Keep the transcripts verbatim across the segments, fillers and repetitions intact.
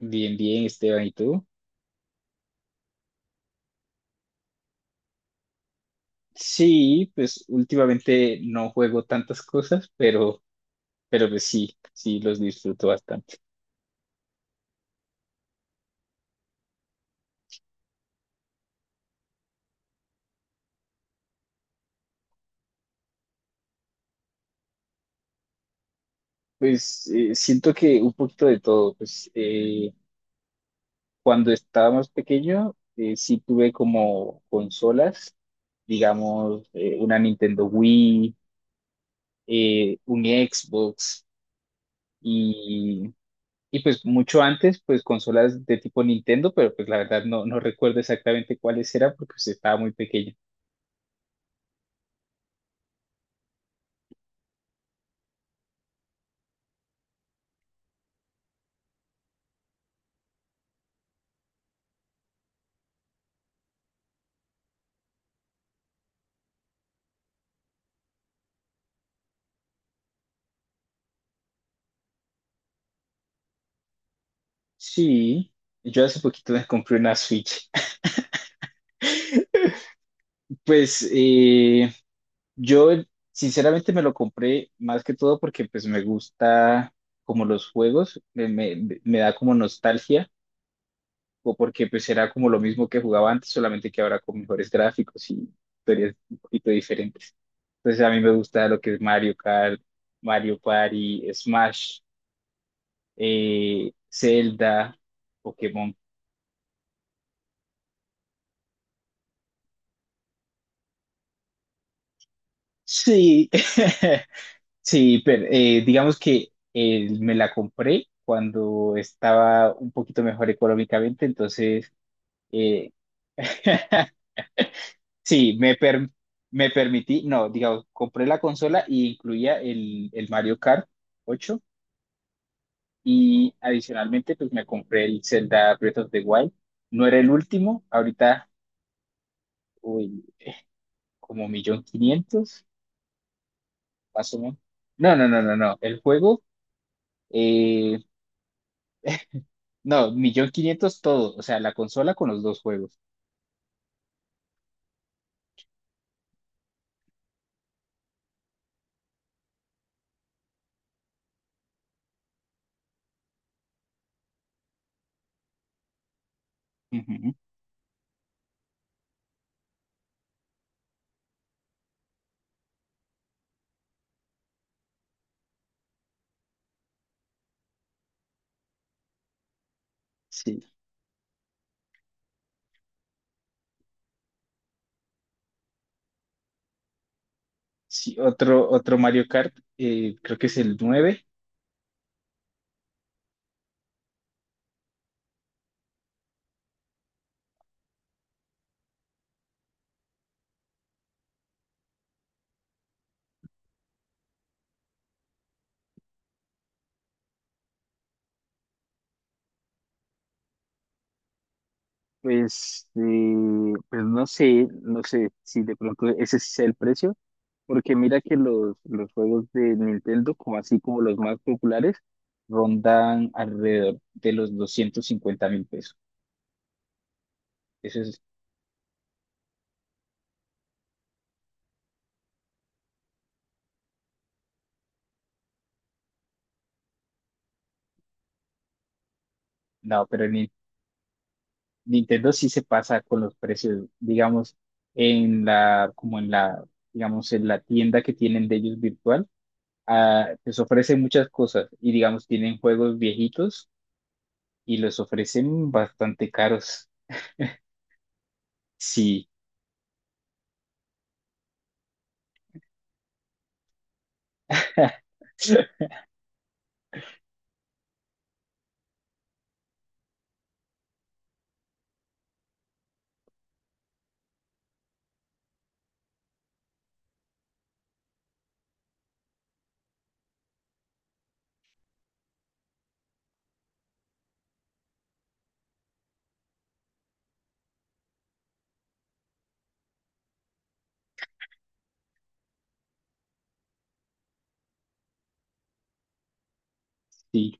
Bien, bien, Esteban, ¿y tú? Sí, pues últimamente no juego tantas cosas, pero, pero pues sí, sí los disfruto bastante. Pues eh, siento que un poquito de todo, pues eh, cuando estaba más pequeño, eh, sí tuve como consolas, digamos, eh, una Nintendo Wii, eh, un Xbox y, y pues mucho antes, pues consolas de tipo Nintendo, pero pues la verdad no, no recuerdo exactamente cuáles eran porque pues estaba muy pequeño. Sí, yo hace poquito me compré una Switch. Pues eh, yo eh, sinceramente me lo compré más que todo porque pues me gusta como los juegos, me, me- me da como nostalgia o porque pues era como lo mismo que jugaba antes, solamente que ahora con mejores gráficos y historias un poquito diferentes. Entonces a mí me gusta lo que es Mario Kart, Mario Party, Smash, eh, Zelda, Pokémon. Sí. Sí, pero eh, digamos que eh, me la compré cuando estaba un poquito mejor económicamente, entonces eh, sí, me, per- me permití, no, digamos, compré la consola y incluía el, el Mario Kart ocho y adicionalmente pues me compré el Zelda Breath of the Wild. No era el último, ahorita uy, como millón quinientos, más o menos. No, no, no, no, no, el juego eh, no, millón quinientos todo, o sea, la consola con los dos juegos. Ujú. Sí, sí, otro, otro Mario Kart, eh, creo que es el nueve. Pues, eh, pues no sé, no sé si de pronto ese sí sea el precio, porque mira que los, los juegos de Nintendo, como así como los más populares, rondan alrededor de los doscientos cincuenta mil pesos. Eso es, no, pero el Nintendo sí se pasa con los precios, digamos, en la, como en la, digamos, en la tienda que tienen de ellos virtual, ah, les ofrecen muchas cosas y, digamos, tienen juegos viejitos y los ofrecen bastante caros. Sí, sí,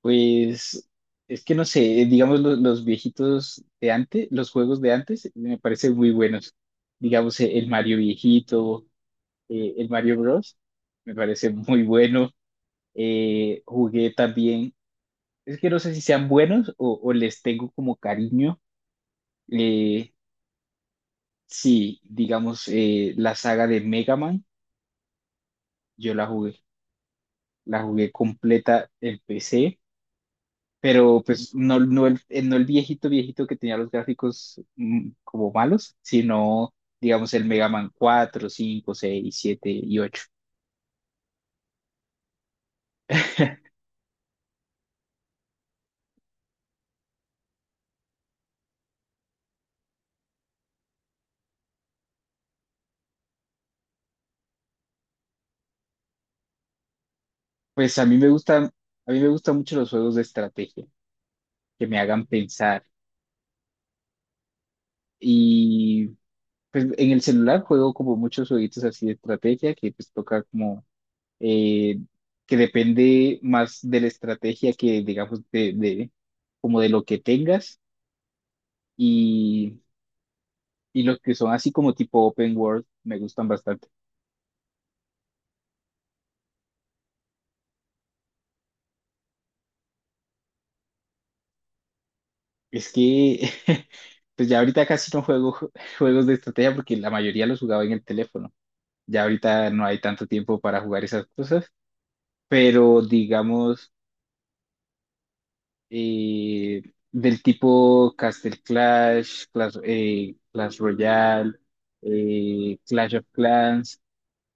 pues es que no sé, digamos, los los, viejitos de antes, los juegos de antes me parecen muy buenos. Digamos, eh, el Mario viejito, eh, el Mario Bros. Me parece muy bueno. Eh, jugué también, es que no sé si sean buenos o, o les tengo como cariño. Eh, sí, digamos, eh, la saga de Mega Man, yo la jugué, la jugué completa en P C, pero pues no, no, el, eh, no el viejito viejito que tenía los gráficos mm, como malos, sino, digamos, el Mega Man cuatro cinco seis siete y ocho. Pues a mí me gustan, a mí me gustan mucho los juegos de estrategia, que me hagan pensar. Y Pues en el celular juego como muchos jueguitos así de estrategia que pues toca como eh, que depende más de la estrategia que digamos de, de- como de lo que tengas y, y los que son así como tipo open world me gustan bastante. Es que pues ya ahorita casi no juego ju- juegos de estrategia porque la mayoría los jugaba en el teléfono. Ya ahorita no hay tanto tiempo para jugar esas cosas, pero digamos eh, del tipo Castle Clash, Clash, eh, Clash Royale, eh, Clash of Clans,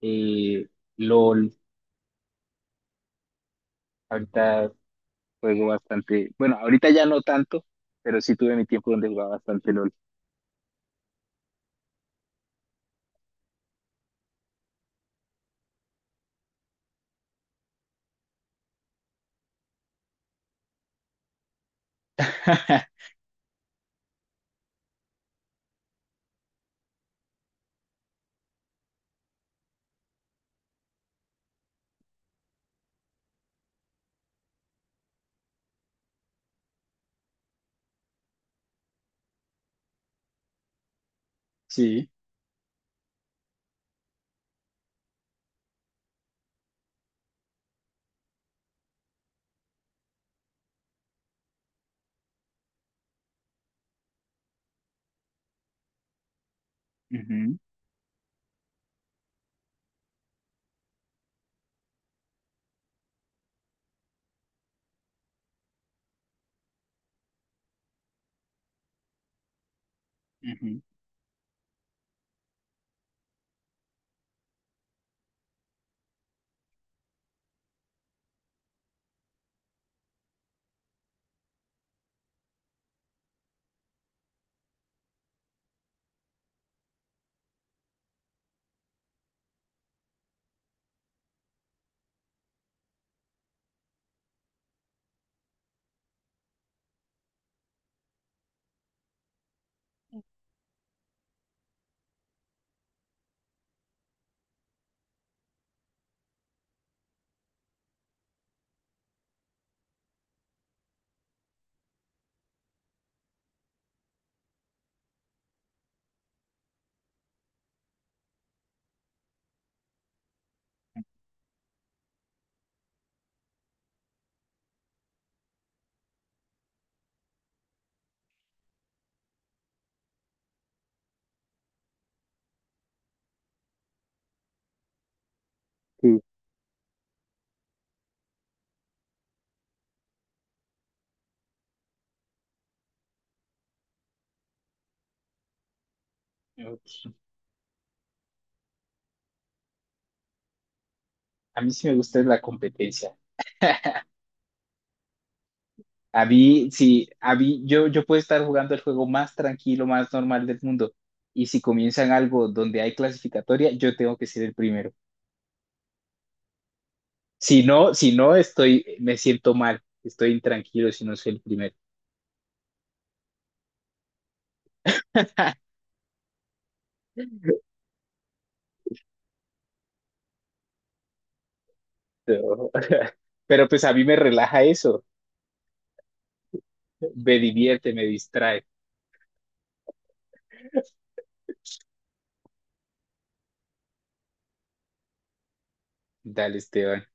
eh, LOL. Ahorita juego bastante, bueno, ahorita ya no tanto, pero sí tuve mi tiempo donde jugaba bastante LOL. Sí. Ujú, ujú, sí. Ok. A mí sí me gusta es la competencia. A mí, sí, a mí, yo, yo puedo estar jugando el juego más tranquilo, más normal del mundo. Y si comienzan algo donde hay clasificatoria, yo tengo que ser el primero. Si no, si no, estoy, me siento mal, estoy intranquilo si no soy el primero. Pero, pero pues a mí me relaja eso, me divierte, me distrae. Dale, Esteban.